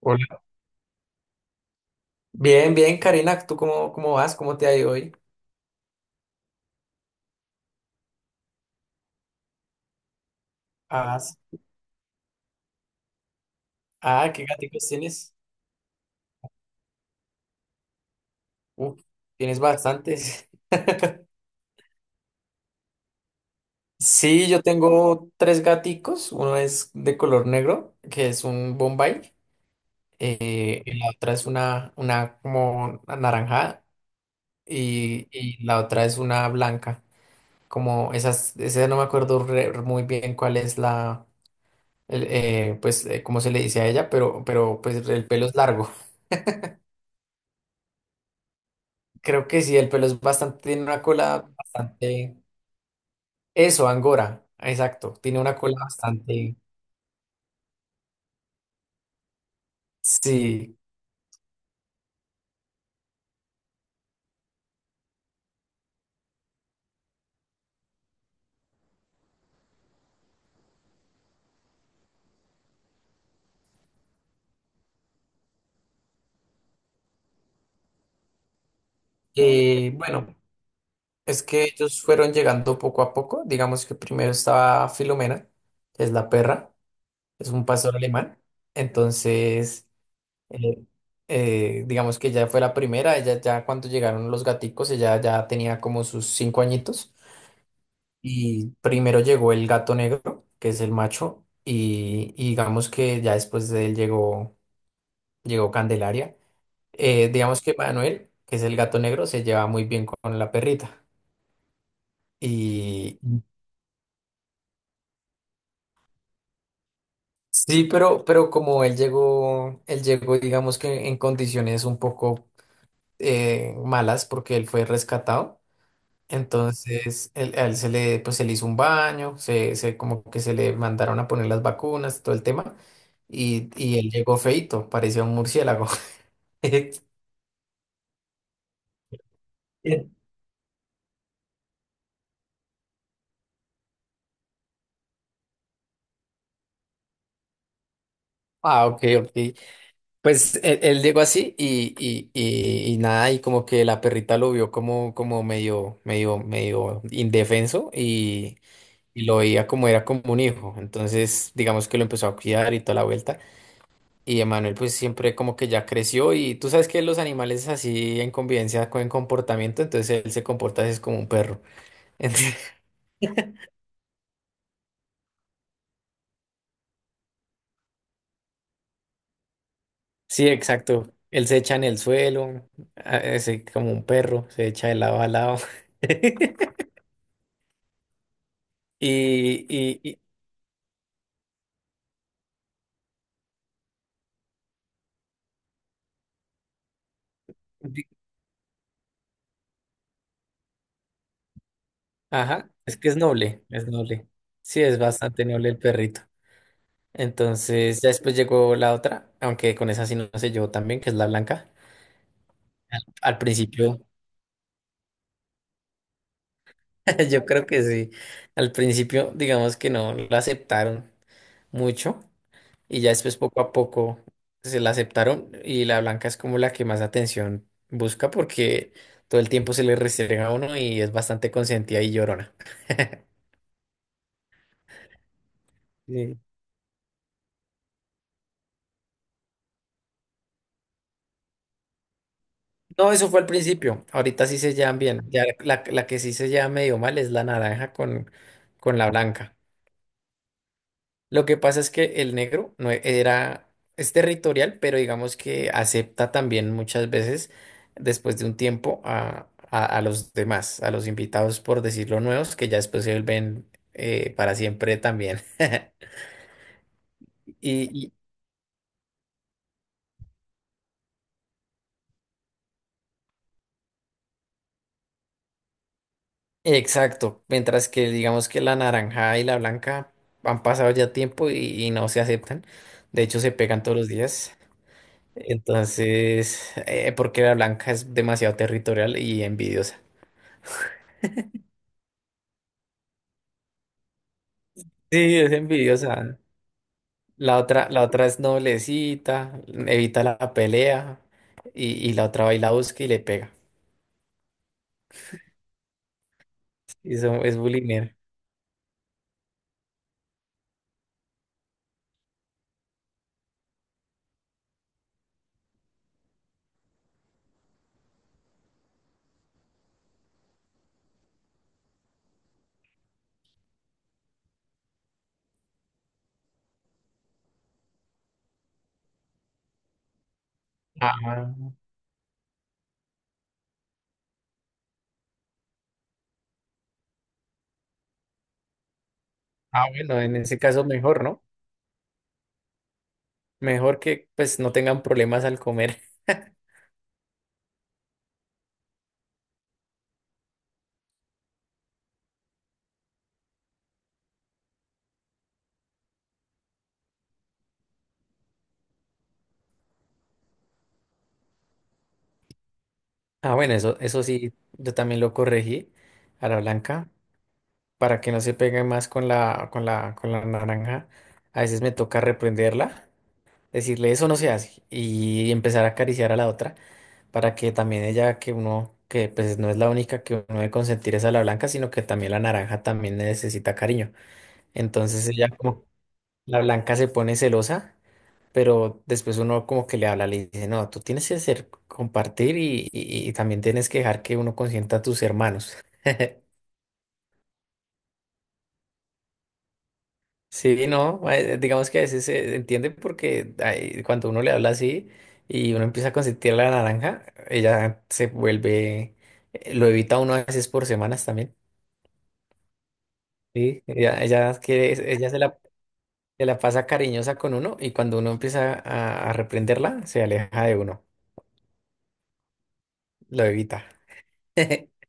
Hola. Bien, bien, Karina, ¿tú cómo vas? ¿Cómo te ha ido hoy? Ah, s- ah, ¿qué gaticos tienes? Uf, tienes bastantes. Sí, yo tengo tres gaticos. Uno es de color negro, que es un Bombay. Y la otra es una, como anaranjada. Y la otra es una blanca. Como esas, esa no me acuerdo muy bien cuál es la, cómo se le dice a ella, pero pues el pelo es largo. Creo que sí, el pelo es bastante, tiene una cola bastante, eso, Angora, exacto, tiene una cola bastante, sí, bueno, es que ellos fueron llegando poco a poco. Digamos que primero estaba Filomena, que es la perra, es un pastor alemán. entonces, eh, digamos que ella fue la primera, ella ya cuando llegaron los gaticos ella ya tenía como sus cinco añitos. Y primero llegó el gato negro, que es el macho, y digamos que ya después de él llegó Candelaria. Digamos que Manuel, que es el gato negro, se lleva muy bien con la perrita. Y sí, pero como él llegó, digamos que en condiciones un poco malas, porque él fue rescatado. Entonces, a él se le, pues, se le hizo un baño, como que se le mandaron a poner las vacunas, todo el tema, y él llegó feito, parecía un murciélago. Eh, Ah, ok, ok. Pues él llegó así, y nada, y como que la perrita lo vio como, medio indefenso, y lo veía como era como un hijo. Entonces, digamos que lo empezó a cuidar y toda la vuelta. Y Emanuel pues siempre como que ya creció, y tú sabes que los animales así en convivencia con comportamiento, entonces él se comporta así, es como un perro. Entonces, sí, exacto. Él se echa en el suelo, así como un perro, se echa de lado a lado. Y, y, y- di- ajá, es que es noble, es noble. Sí, es bastante noble el perrito. Entonces ya después llegó la otra, aunque con esa sí no se llevó tan bien, que es la blanca. Al principio... Yo creo que sí. Al principio, digamos que no la aceptaron mucho, y ya después poco a poco se la aceptaron, y la blanca es como la que más atención busca porque todo el tiempo se le restrega a uno, y es bastante consentida y llorona. Sí. No, eso fue al principio. Ahorita sí se llevan bien. Ya la que sí se lleva medio mal es la naranja con la blanca. Lo que pasa es que el negro no e- era, es territorial, pero digamos que acepta también muchas veces, después de un tiempo, a los demás, a los invitados, por decirlo, nuevos, que ya después se vuelven para siempre también. Y, y- exacto, mientras que digamos que la naranja y la blanca han pasado ya tiempo, y no se aceptan, de hecho se pegan todos los días, entonces, porque la blanca es demasiado territorial y envidiosa. Sí, es envidiosa. La otra es noblecita, evita la pelea, y la otra va y la busca y le pega. Y eso es bulimia. Ah, ah, bueno, en ese caso mejor, ¿no? Mejor que pues no tengan problemas al comer. Ah, bueno, eso sí, yo también lo corregí a la blanca para que no se pegue más con con la naranja. A veces me toca reprenderla, decirle eso no se hace, y empezar a acariciar a la otra, para que también ella, que uno, que pues no es la única que uno debe consentir es a la blanca, sino que también la naranja también necesita cariño. Entonces ella como, la blanca se pone celosa, pero después uno como que le habla, le dice, no, tú tienes que ser, compartir, y también tienes que dejar que uno consienta a tus hermanos. Sí, no, digamos que a veces se entiende porque ay, cuando uno le habla así y uno empieza a consentir la naranja, ella se vuelve, lo evita uno a veces por semanas también. Sí, ella quiere, ella se la pasa cariñosa con uno, y cuando uno empieza a reprenderla, se aleja de uno, lo evita.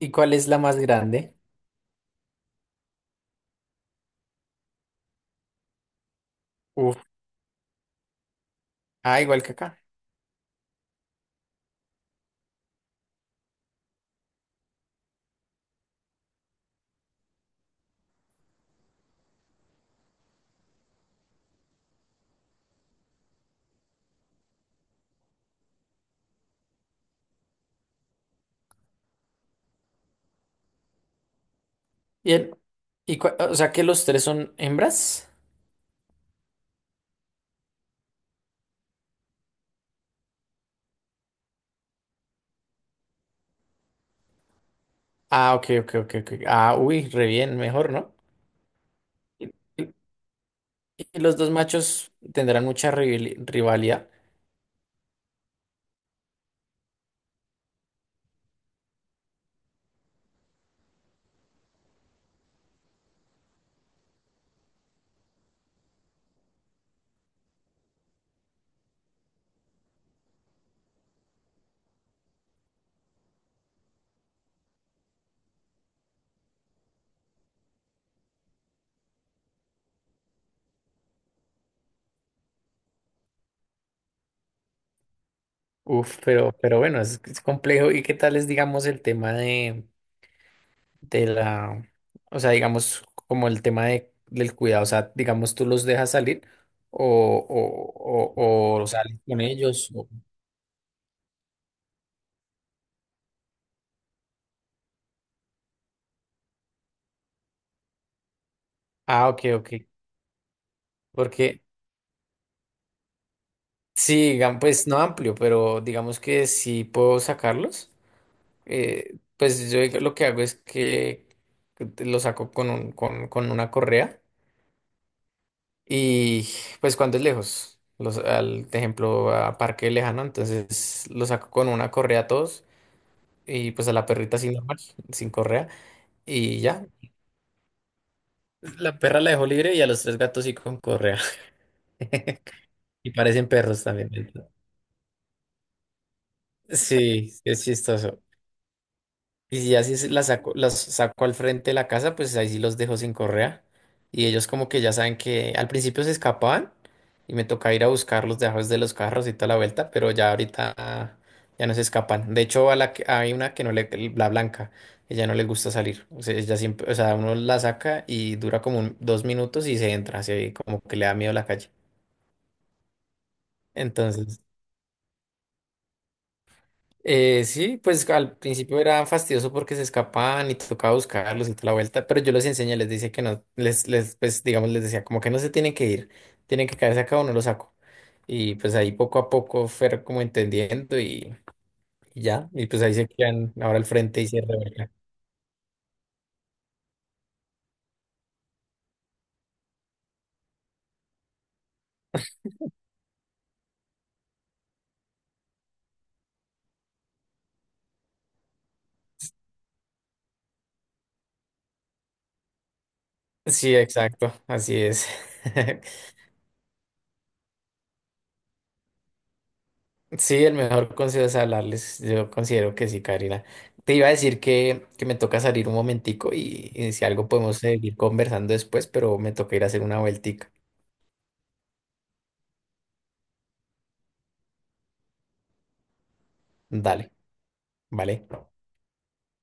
¿Y cuál es la más grande? Uf. Ah, igual que acá. Bien. ¿Y o sea que los tres son hembras? Ah, ok, ok, ok, ok. Ah, uy, re bien, mejor, ¿no? Y- y- y los dos machos tendrán mucha rivalidad. Uf, pero bueno, es complejo. ¿Y qué tal es, digamos, el tema de la, o sea, digamos, como el tema de, del cuidado? O sea, digamos, tú los dejas salir o sales con ellos. Ah, ok, ok. Porque sí, pues no amplio, pero digamos que si puedo sacarlos, pues yo lo que hago es que los saco con una correa. Y pues cuando es lejos, los, al de ejemplo a parque lejano, entonces lo saco con una correa a todos, y pues a la perrita sin normal, sin correa, y ya. La perra la dejo libre, y a los tres gatos sí con correa. Y parecen perros también. Sí, sí es chistoso. Y si ya si se- las saco al frente de la casa, pues ahí sí los dejo sin correa. Y ellos como que ya saben que al principio se escapaban y me toca ir a buscarlos debajo de los carros y toda la vuelta, pero ya ahorita ya no se escapan. De hecho, a la que, hay una que no le, la blanca, ella no le gusta salir. O sea, ella siempre, o sea, uno la saca y dura como dos minutos y se entra, así como que le da miedo la calle. Entonces, sí, pues al principio era fastidioso porque se escapaban y tocaba buscarlos y toda la vuelta, pero yo les enseñé, les decía que no, pues digamos, les decía como que no se tienen que ir, tienen que quedarse acá o no los saco. Y pues ahí poco a poco fueron como entendiendo, y ya, y pues ahí se quedan ahora al frente y se rebelan. Sí, exacto, así es. Sí, el mejor consejo es hablarles. Yo considero que sí, Karina. Te iba a decir que me toca salir un momentico, y si algo podemos seguir conversando después, pero me toca ir a hacer una vueltica. Dale, ¿vale?